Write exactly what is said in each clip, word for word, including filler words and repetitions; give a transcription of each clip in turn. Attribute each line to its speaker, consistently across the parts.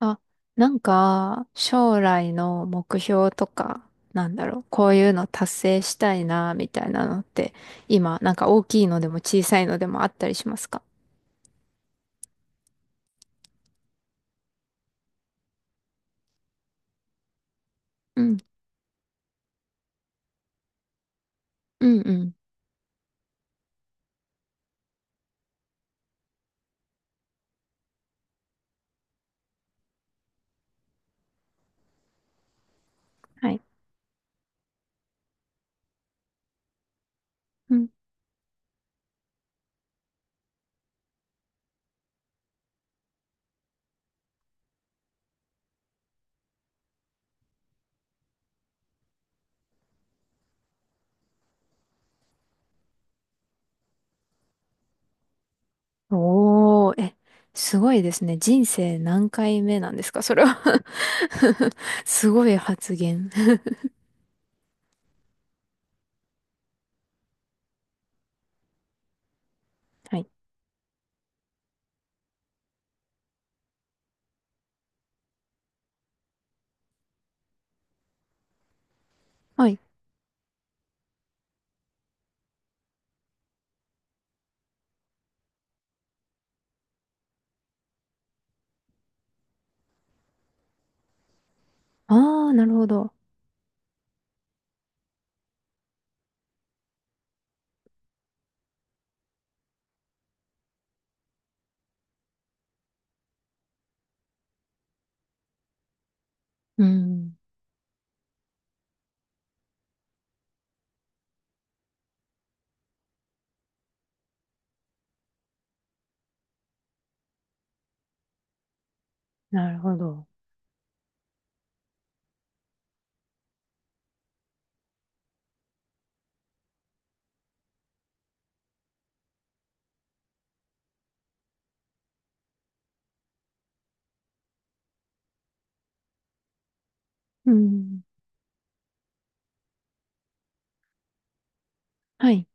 Speaker 1: あ、なんか、将来の目標とか、なんだろう、こういうの達成したいな、みたいなのって、今、なんか大きいのでも小さいのでもあったりしますか？うん、うんうん。はい。うん。おー、え、すごいですね。人生何回目なんですかそれは？ すごい発言 はい。はい。あー、なるほど。うん。なるほど。うん。はい。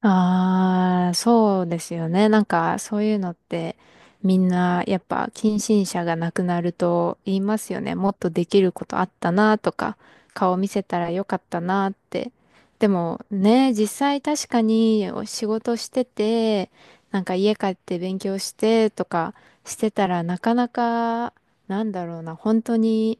Speaker 1: ああ、そうですよね。なんか、そういうのって、みんな、やっぱ、近親者が亡くなると言いますよね。もっとできることあったなとか、顔見せたらよかったなって。でも、ね、実際確かにお仕事してて、なんか家帰って勉強してとかしてたらなかなか、なんだろうな、本当に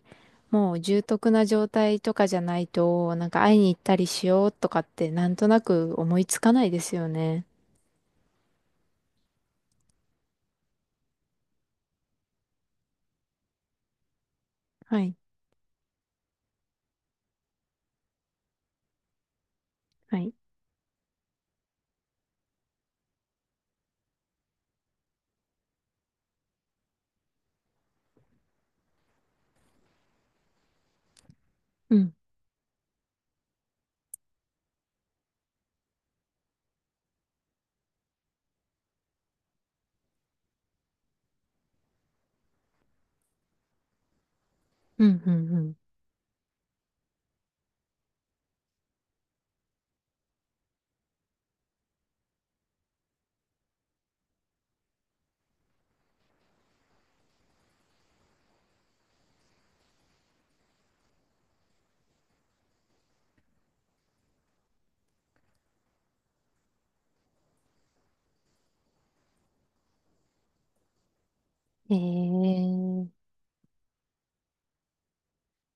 Speaker 1: もう重篤な状態とかじゃないと、なんか会いに行ったりしようとかってなんとなく思いつかないですよね。はい、はい。うん、うん、うん、うん。えー、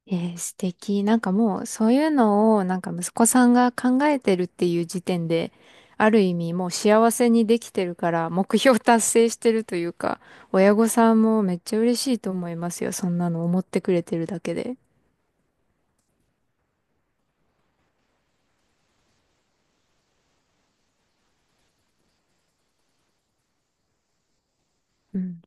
Speaker 1: えー、素敵。なんかもうそういうのをなんか息子さんが考えてるっていう時点で、ある意味もう幸せにできてるから目標達成してるというか、親御さんもめっちゃ嬉しいと思いますよ。そんなの思ってくれてるだけで。うん。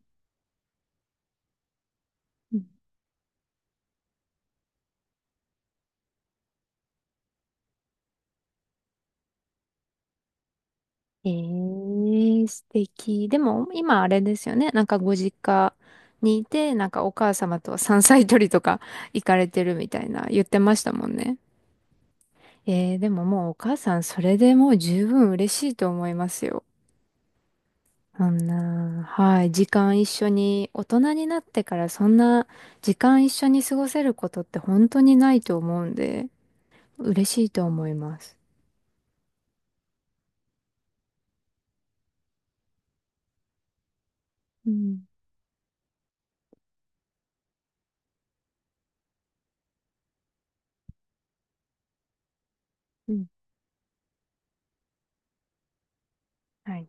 Speaker 1: ええ、素敵。でも、今あれですよね。なんかご実家にいて、なんかお母様と山菜採りとか行かれてるみたいな言ってましたもんね。ええ、でももうお母さん、それでもう十分嬉しいと思いますよ。そんな、はい、時間一緒に、大人になってからそんな時間一緒に過ごせることって本当にないと思うんで、嬉しいと思います。うん、うん、はい。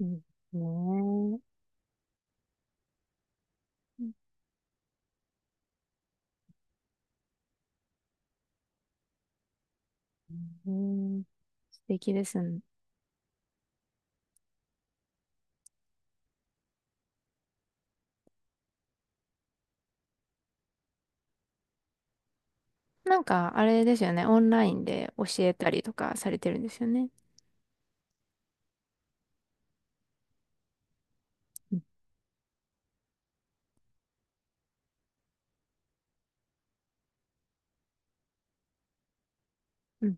Speaker 1: いいですね。うん、素敵ですね。なんか、あれですよね。オンラインで教えたりとかされてるんですよね。うん、うん、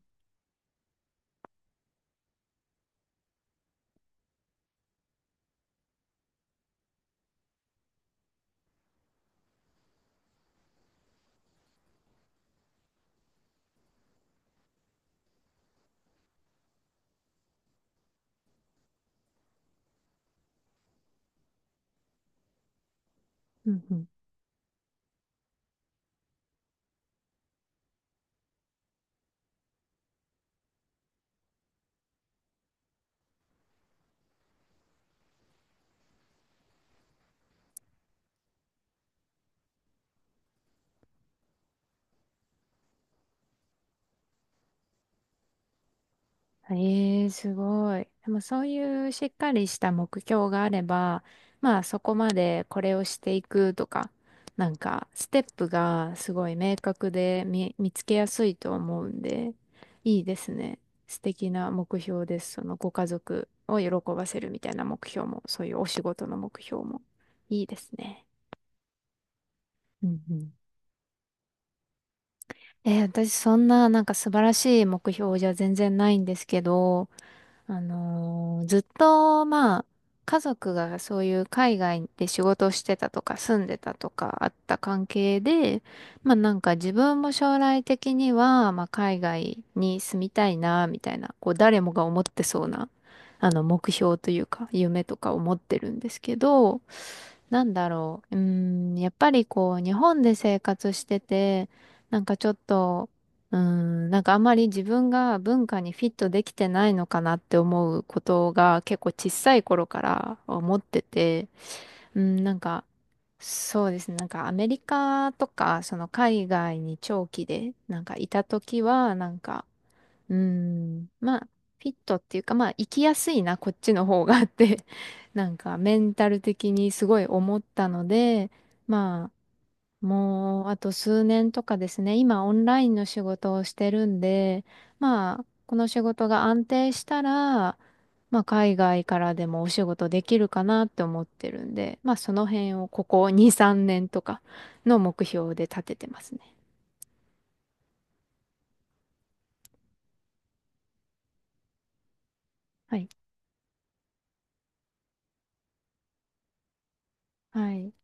Speaker 1: うん。うん。ええ、すごい。でもそういうしっかりした目標があれば、まあそこまでこれをしていくとか、なんかステップがすごい明確で見、見つけやすいと思うんで、いいですね。素敵な目標です。そのご家族を喜ばせるみたいな目標も、そういうお仕事の目標も。いいですね。うん、うん。えー、私そんななんか素晴らしい目標じゃ全然ないんですけど、あのーずっと、まあ、家族がそういう海外で仕事をしてたとか住んでたとかあった関係で、まあなんか自分も将来的には、まあ海外に住みたいな、みたいな、こう誰もが思ってそうな、あの目標というか夢とかを持ってるんですけど、なんだろう、うーん、やっぱりこう日本で生活してて、なんかちょっと、うん、なんかあんまり自分が文化にフィットできてないのかなって思うことが結構小さい頃から思ってて、うん、なんかそうですね、なんかアメリカとかその海外に長期でなんかいた時はなんか、うん、まあフィットっていうかまあ生きやすいなこっちの方がって なんかメンタル的にすごい思ったので、まあもう、あとすうねんとかですね。今、オンラインの仕事をしてるんで、まあ、この仕事が安定したら、まあ、海外からでもお仕事できるかなって思ってるんで、まあ、その辺をここに、さんねんとかの目標で立ててますね。はい。はい。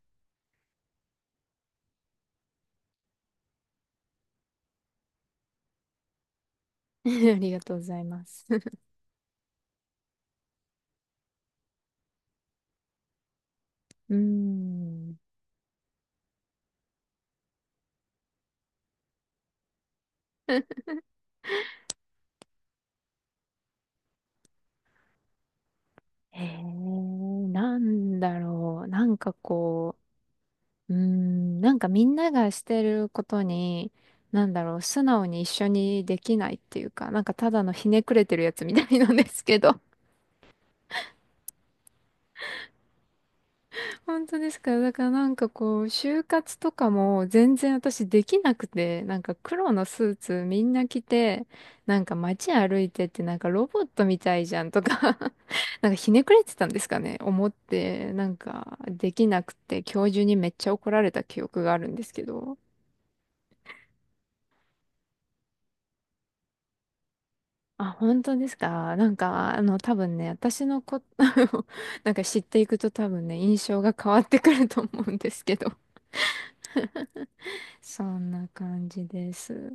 Speaker 1: ありがとうございます。うーん。えー、なんだろう。なんかこう、うーん、なんかみんながしてることに、なんだろう、素直に一緒にできないっていうか、なんかただのひねくれてるやつみたいなんですけど。本当ですか？だからなんかこう、就活とかも全然私できなくて、なんか黒のスーツみんな着て、なんか街歩いてってなんかロボットみたいじゃんとか なんかひねくれてたんですかね思って、なんかできなくて、教授にめっちゃ怒られた記憶があるんですけど。あ、本当ですか？なんか、あの、多分ね、私のこ、あのなんか知っていくと多分ね、印象が変わってくると思うんですけど。そんな感じです。